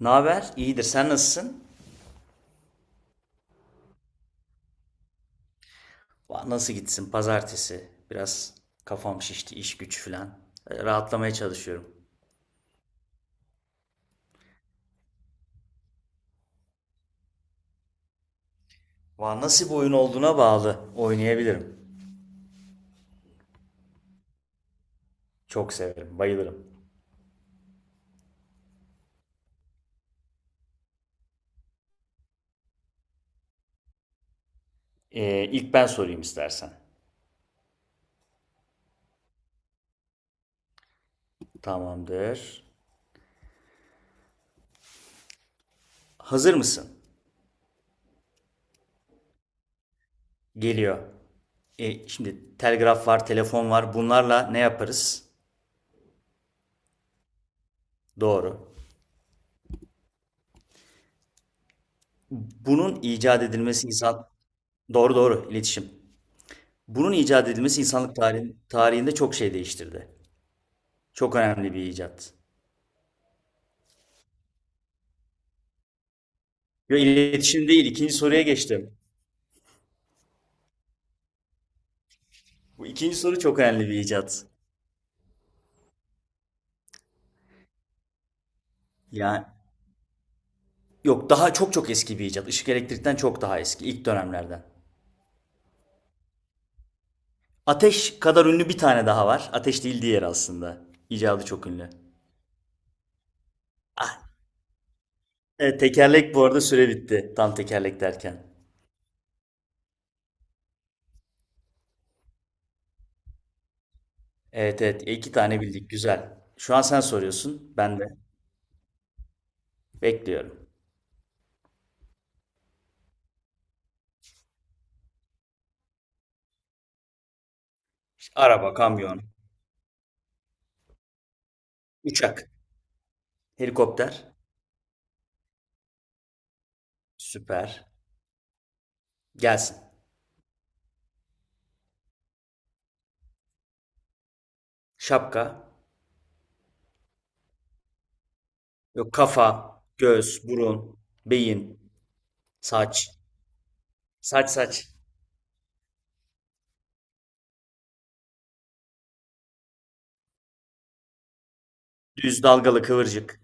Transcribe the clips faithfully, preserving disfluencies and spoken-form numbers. Ne haber? İyidir. Sen nasılsın? Va- Nasıl gitsin? Pazartesi. Biraz kafam şişti. İş güç filan. E, Rahatlamaya çalışıyorum. Va nasıl bir oyun olduğuna bağlı. Oynayabilirim. Çok severim. Bayılırım. E, ilk ben sorayım istersen. Tamamdır. Hazır mısın? Geliyor. E, şimdi telgraf var, telefon var. Bunlarla ne yaparız? Doğru. Bunun icat edilmesi insan... Doğru doğru iletişim. Bunun icat edilmesi insanlık tarihin- tarihinde çok şey değiştirdi. Çok önemli bir icat. Yo, iletişim değil. İkinci soruya geçtim. Bu ikinci soru çok önemli bir icat. Yani yok, daha çok çok eski bir icat. Işık elektrikten çok daha eski. İlk dönemlerden. Ateş kadar ünlü bir tane daha var. Ateş değil diğer aslında. İcadı çok ünlü. Ah, evet, tekerlek bu arada süre bitti. Tam tekerlek derken. Evet evet, e, iki tane bildik. Güzel. Şu an sen soruyorsun. Ben de bekliyorum. Araba, kamyon, uçak, helikopter. Süper. Gelsin. Şapka. Yok, kafa, göz, burun, beyin, saç. Saç saç. Düz, dalgalı, kıvırcık.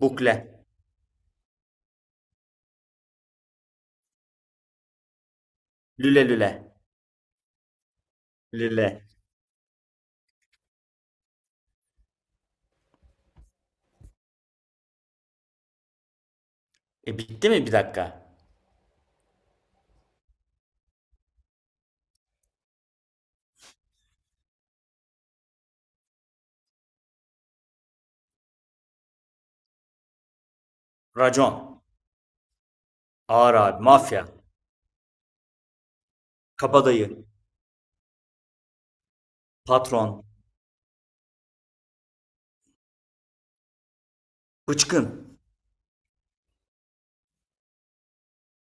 Bukle. Lüle lüle. Lüle. E bitti mi, bir dakika? Racon. Ağır abi. Mafya. Kabadayı. Patron. Bıçkın.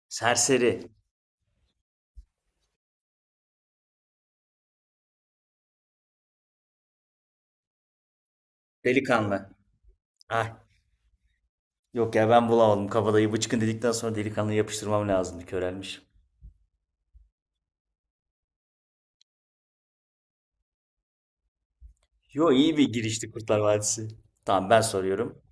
Serseri. Delikanlı. Ah. Yok ya, ben bulamadım kabadayı. Bıçkın dedikten sonra delikanlı yapıştırmam lazımdı. Körelmiş. Yo, iyi bir girişti Kurtlar Vadisi. Tamam ben soruyorum.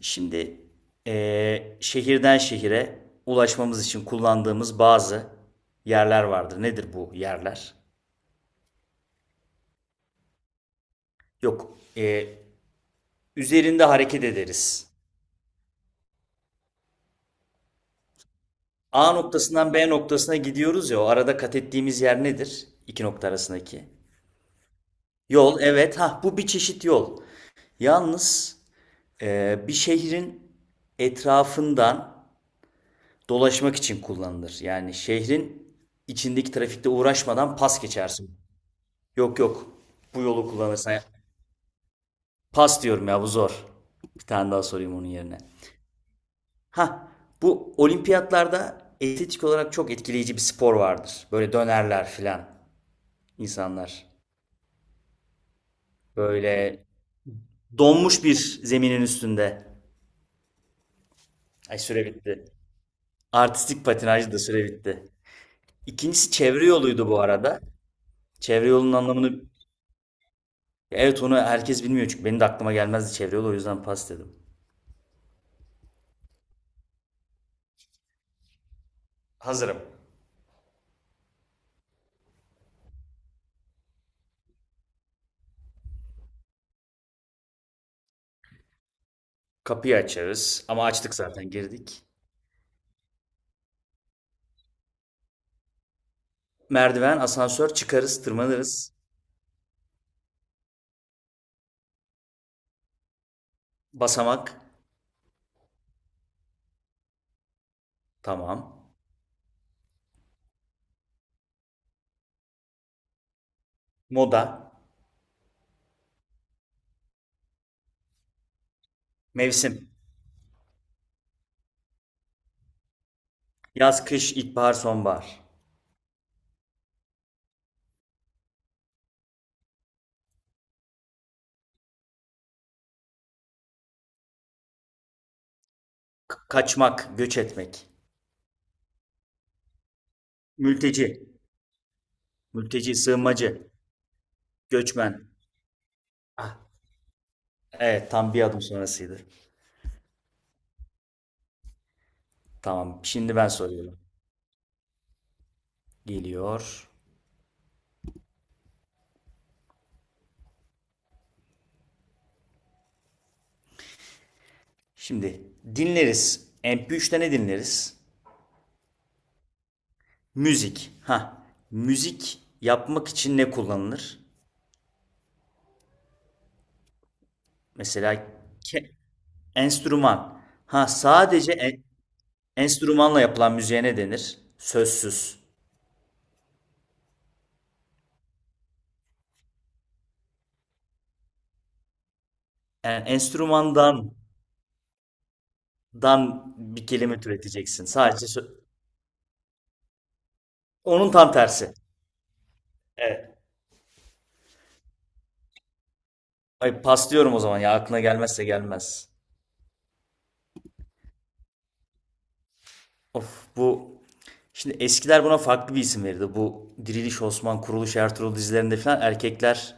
Şimdi eee, şehirden şehire ulaşmamız için kullandığımız bazı yerler vardır. Nedir bu yerler? Yok, eee, üzerinde hareket ederiz. A noktasından B noktasına gidiyoruz ya, o arada kat ettiğimiz yer nedir? İki nokta arasındaki. Yol, evet, ha bu bir çeşit yol. Yalnız eee, bir şehrin etrafından dolaşmak için kullanılır. Yani şehrin içindeki trafikte uğraşmadan pas geçersin. Yok yok. Bu yolu kullanırsan. Pas diyorum ya, bu zor. Bir tane daha sorayım onun yerine. Ha, bu olimpiyatlarda estetik olarak çok etkileyici bir spor vardır. Böyle dönerler filan insanlar. Böyle donmuş bir zeminin üstünde. Ay, süre bitti. Artistik patinaj da süre bitti. İkincisi çevre yoluydu bu arada. Çevre yolunun anlamını, evet, onu herkes bilmiyor çünkü benim de aklıma gelmezdi çevre yolu, o yüzden pas dedim. Hazırım. Kapıyı açarız ama açtık zaten girdik. Merdiven, asansör, çıkarız, tırmanırız. Basamak, tamam. Moda, mevsim. Yaz, kış, ilkbahar, sonbahar. K- kaçmak, göç etmek. Mülteci, mülteci, sığınmacı, göçmen. Ah, evet, tam bir adım sonrasıydı. Tamam, şimdi ben soruyorum. Geliyor. Şimdi dinleriz. M P üçte ne dinleriz? Müzik. Ha, müzik yapmak için ne kullanılır? Mesela ke- enstrüman. Ha, sadece en- enstrümanla yapılan müziğe ne denir? Sözsüz. Yani enstrümandan dan bir kelime türeteceksin. Sadece sö- onun tam tersi. Evet. Ay, paslıyorum o zaman, ya aklına gelmezse gelmez. Of, bu şimdi eskiler buna farklı bir isim verirdi. Bu Diriliş Osman, Kuruluş Ertuğrul dizilerinde falan erkekler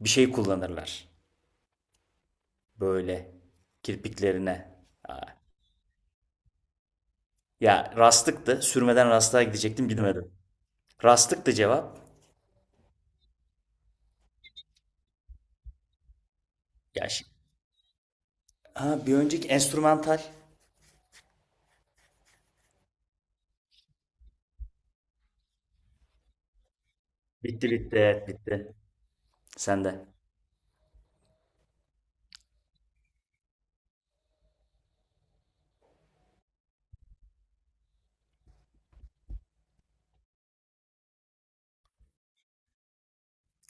bir şey kullanırlar. Böyle kirpiklerine. Ha. Ya, rastlıktı. Sürmeden rastlığa gidecektim, bilmedim. Rastlıktı cevap. Ya şi- Ha, bir önceki enstrümantal. Bitti bitti, evet bitti. Sende.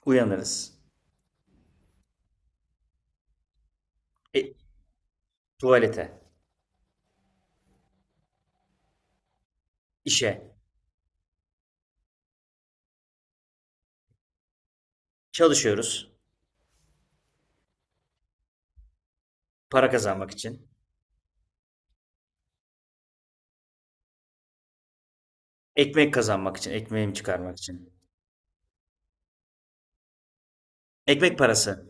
Uyanırız. E, tuvalete. İşe. Çalışıyoruz. Para kazanmak için. Ekmek kazanmak için. Ekmeğimi çıkarmak için. Ekmek parası.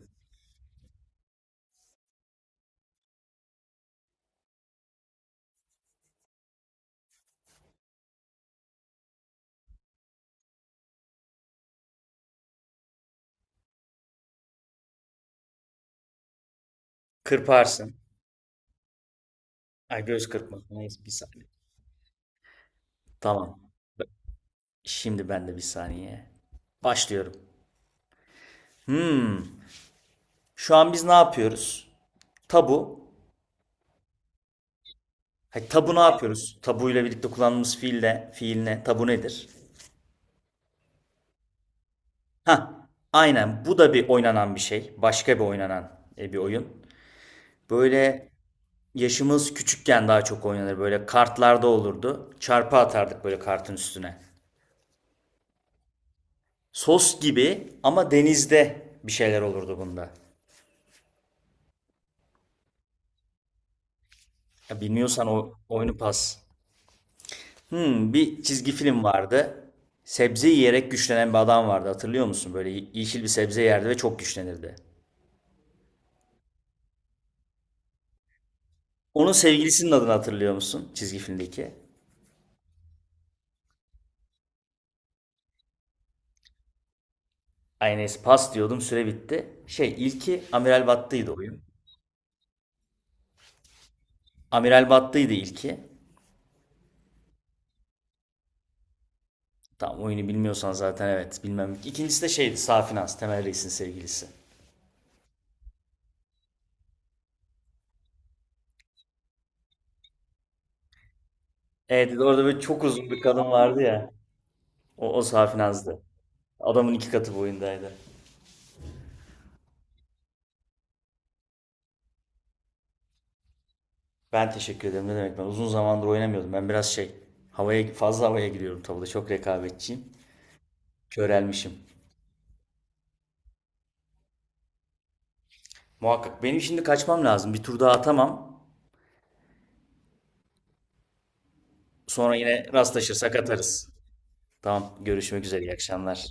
Kırparsın. Ay, göz kırpmak. Neyse, bir saniye. Tamam. Şimdi ben de bir saniye. Başlıyorum. Hmm. Şu an biz ne yapıyoruz? Tabu. Hayır, tabu ne yapıyoruz? Tabuyla birlikte kullandığımız fiille, fiil ne? Tabu nedir? Hah, aynen. Bu da bir oynanan bir şey. Başka bir oynanan e, bir oyun. Böyle yaşımız küçükken daha çok oynanır. Böyle kartlarda olurdu. Çarpı atardık böyle kartın üstüne. Sos gibi, ama denizde bir şeyler olurdu bunda. Ya bilmiyorsan o oyunu, pas. Hmm, bir çizgi film vardı. Sebze yiyerek güçlenen bir adam vardı. Hatırlıyor musun? Böyle ye- yeşil bir sebze yerdi ve çok güçlenirdi. Onun sevgilisinin adını hatırlıyor musun? Çizgi filmdeki. Aynes pas diyordum, süre bitti. Şey, ilki Amiral Battıydı oyun. Amiral Battıydı ilki. Tamam, oyunu bilmiyorsan zaten, evet bilmem. İkincisi de şeydi, Safinaz, Temel Reis'in sevgilisi. Evet, orada böyle çok uzun bir kadın vardı ya. O, o Safinaz'dı. Adamın iki katı boyundaydı. Ben teşekkür ederim, ne demek, ben uzun zamandır oynamıyordum. Ben biraz şey, havaya fazla havaya giriyorum tabii, çok rekabetçiyim. Körelmişim. Muhakkak, benim şimdi kaçmam lazım. Bir tur daha atamam. Sonra yine rastlaşırsak atarız. Tamam, görüşmek üzere, iyi akşamlar.